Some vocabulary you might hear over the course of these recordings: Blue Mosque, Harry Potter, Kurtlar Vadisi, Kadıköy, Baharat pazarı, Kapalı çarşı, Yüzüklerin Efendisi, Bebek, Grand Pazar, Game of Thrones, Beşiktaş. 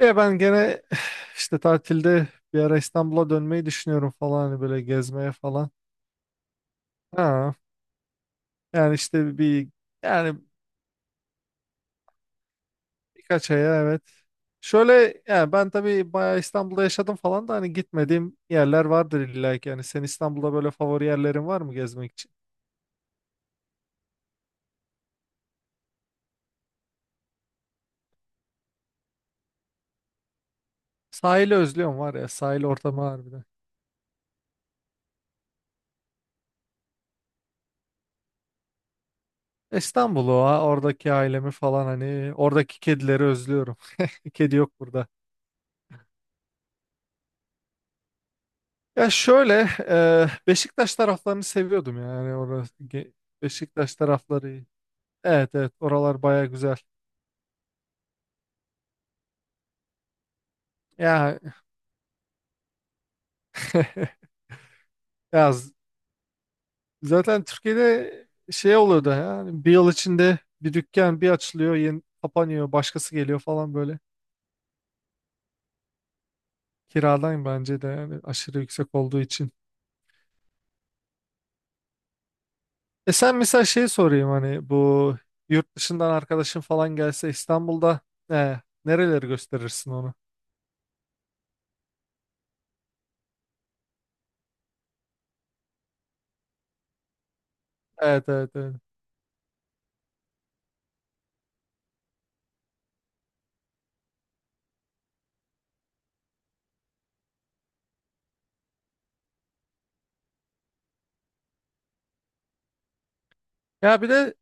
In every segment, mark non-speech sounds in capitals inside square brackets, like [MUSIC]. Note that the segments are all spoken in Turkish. Ya ben gene [SIGHS] işte tatilde bir ara İstanbul'a dönmeyi düşünüyorum falan hani böyle gezmeye falan. Ha, yani işte bir yani birkaç aya evet. Şöyle yani ben tabii bayağı İstanbul'da yaşadım falan da hani gitmediğim yerler vardır illa ki. Yani senin İstanbul'da böyle favori yerlerin var mı gezmek için? Sahili özlüyorum var ya, sahil ortamı harbiden. İstanbul'u ha, oradaki ailemi falan hani oradaki kedileri özlüyorum. [LAUGHS] Kedi yok burada. Ya şöyle Beşiktaş taraflarını seviyordum yani orası Beşiktaş tarafları. Evet evet, oralar baya güzel. Ya [LAUGHS] ya zaten Türkiye'de şey oluyordu yani bir yıl içinde bir dükkan bir açılıyor yeni kapanıyor başkası geliyor falan böyle. Kiradan bence de yani aşırı yüksek olduğu için. E sen mesela şey sorayım hani bu yurt dışından arkadaşın falan gelse İstanbul'da e, nereleri gösterirsin onu? Evet evet evet. Ya bir de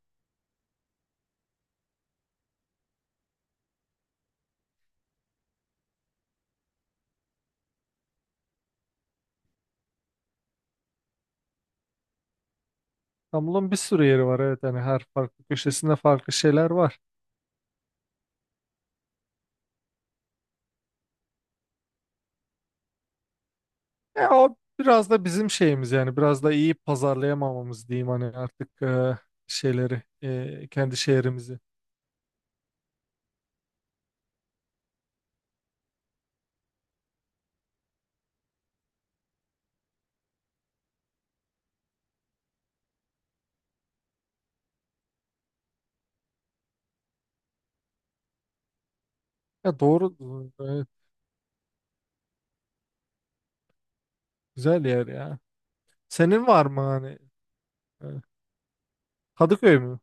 İstanbul'un bir sürü yeri var, evet yani her farklı köşesinde farklı şeyler var. E, o biraz da bizim şeyimiz yani biraz da iyi pazarlayamamamız diyeyim hani artık şeyleri kendi şehrimizi. Ya doğru, evet, güzel yer ya. Senin var mı hani e, Kadıköy mü?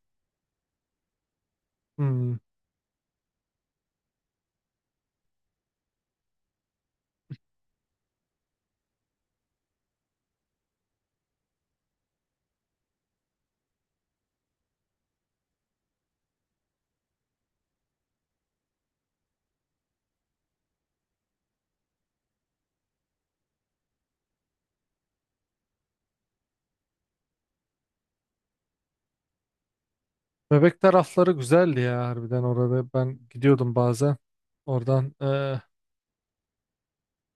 Hmm. Bebek tarafları güzeldi ya harbiden, orada ben gidiyordum bazen oradan.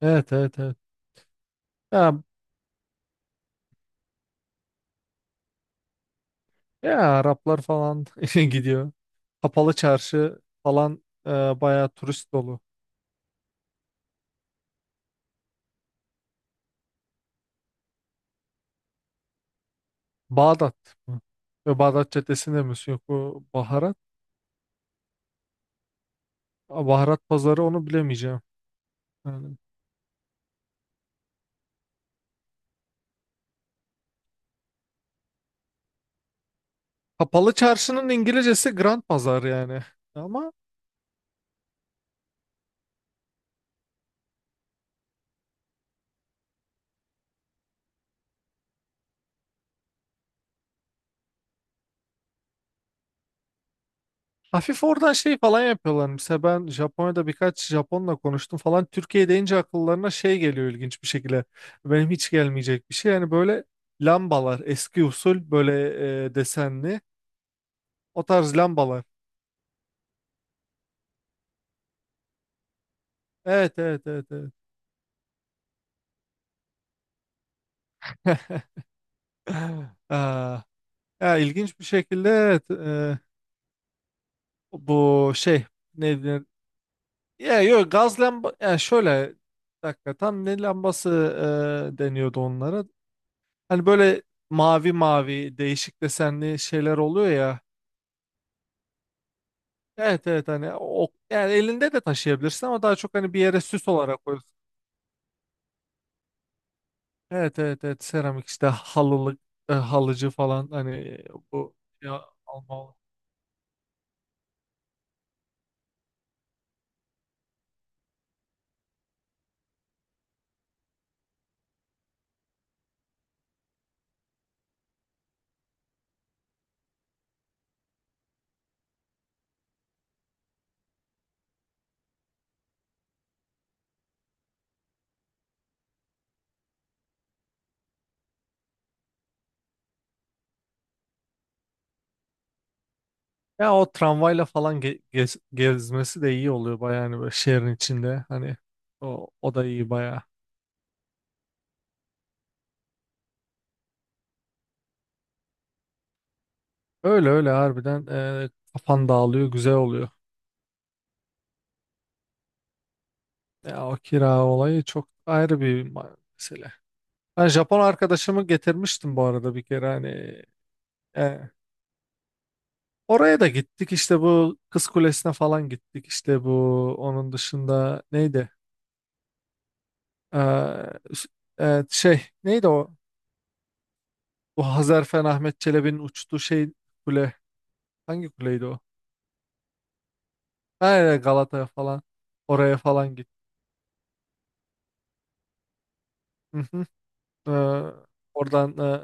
Evet evet evet. Ya Ya Araplar falan [LAUGHS] gidiyor. Kapalı çarşı falan bayağı turist dolu. Bağdat mı? Ve Bağdat Caddesi'nde mi? Yok, bu baharat. Aa, baharat pazarı, onu bilemeyeceğim. Yani. Kapalı çarşının İngilizcesi Grand Pazar yani. Ama hafif oradan şey falan yapıyorlar. Mesela ben Japonya'da birkaç Japonla konuştum falan. Türkiye deyince akıllarına şey geliyor, ilginç bir şekilde. Benim hiç gelmeyecek bir şey. Yani böyle lambalar eski usul, böyle desenli o tarz lambalar. Evet evet evet evet. [LAUGHS] Aa, ya ilginç bir şekilde, evet, bu şey ne denir? Ya yok gaz lamba ya, şöyle bir dakika, tam ne lambası deniyordu onlara. Hani böyle mavi mavi değişik desenli şeyler oluyor ya. Evet evet, hani o yani elinde de taşıyabilirsin ama daha çok hani bir yere süs olarak koyuyorsun. Evet evet evet, seramik işte halılık halıcı falan hani bu ya, ya o tramvayla falan gezmesi de iyi oluyor baya hani böyle şehrin içinde hani o, o da iyi baya. Öyle öyle harbiden kafan dağılıyor, güzel oluyor. Ya o kira olayı çok ayrı bir mesele. Ben Japon arkadaşımı getirmiştim bu arada bir kere hani e, oraya da gittik, işte bu Kız Kulesi'ne falan gittik, işte bu onun dışında neydi? E, s- şey neydi o? Bu Hazarfen Ahmet Çelebi'nin uçtuğu şey, kule, hangi kuleydi o? Aynen Galata'ya falan. Oraya falan git. Hı hı. Ee, oradan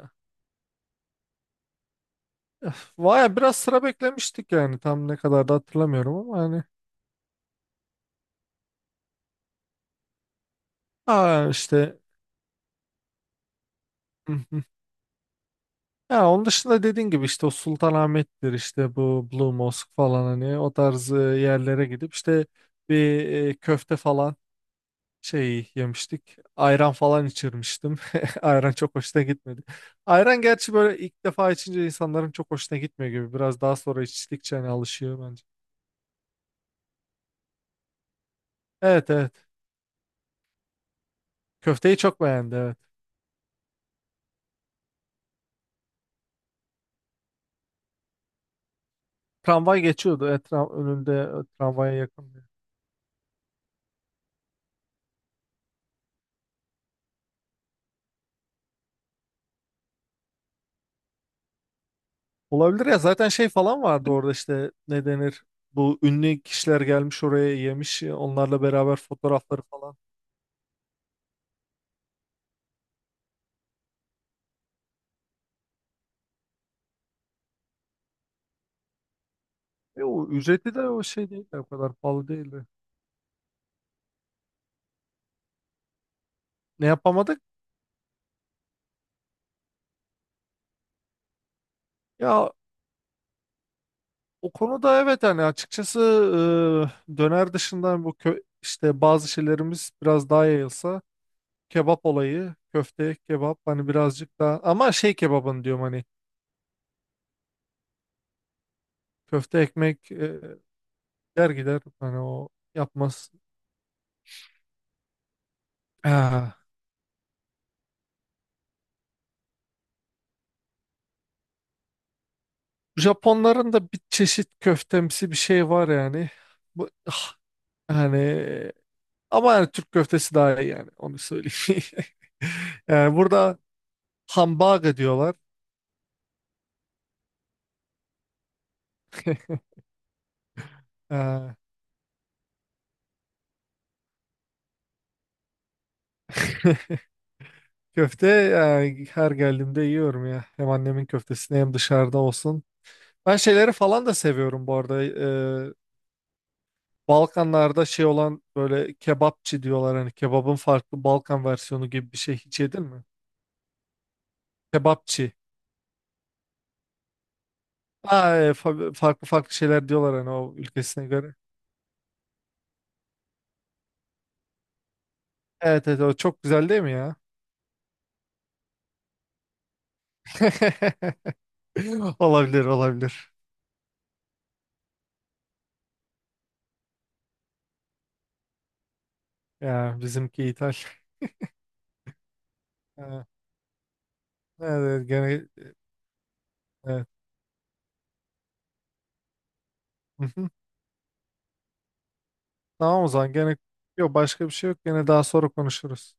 öf, vay, biraz sıra beklemiştik yani. Tam ne kadar da hatırlamıyorum ama hani. Aa işte. Hı hı. Ya onun dışında dediğin gibi işte o Sultanahmet'tir, işte bu Blue Mosque falan, hani o tarz yerlere gidip işte bir köfte falan şey yemiştik. Ayran falan içirmiştim. [LAUGHS] Ayran çok hoşuna gitmedi. Ayran gerçi böyle ilk defa içince insanların çok hoşuna gitmiyor gibi. Biraz daha sonra içtikçe hani alışıyor. Evet evet. Köfteyi çok beğendi, evet. Tramvay geçiyordu etraf önünde, tramvaya yakın diye. Olabilir ya, zaten şey falan vardı orada, işte ne denir? Bu ünlü kişiler gelmiş oraya yemiş, onlarla beraber fotoğrafları falan. E, o ücreti de o şey değil, o kadar pahalı değildi. Ne yapamadık? Ya o konuda evet, hani açıkçası döner dışında bu kö işte bazı şeylerimiz biraz daha yayılsa, kebap olayı, köfte, kebap hani birazcık daha, ama şey kebabın diyorum hani. Köfte ekmek gider gider hani o yapmaz. Ah. Japonların da bir çeşit köftemsi bir şey var yani. Bu, ah, yani ama yani Türk köftesi daha iyi yani, onu söyleyeyim. [LAUGHS] Yani burada hambaga diyorlar. Ah, [LAUGHS] köfte yani her geldiğimde yiyorum ya. Hem annemin köftesini hem dışarıda olsun. Ben şeyleri falan da seviyorum bu arada. E, Balkanlarda şey olan böyle kebapçı diyorlar, hani kebabın farklı Balkan versiyonu gibi bir şey, hiç yedin mi? Kebapçı. Aa, farklı farklı şeyler diyorlar hani o ülkesine göre. Evet evet, o çok güzel değil mi ya? [LAUGHS] Olabilir olabilir. Ya bizimki ithal. Ha, evet, evet, gene evet. Hı hı. Tamam, o zaman gene yok, başka bir şey yok, gene daha sonra konuşuruz.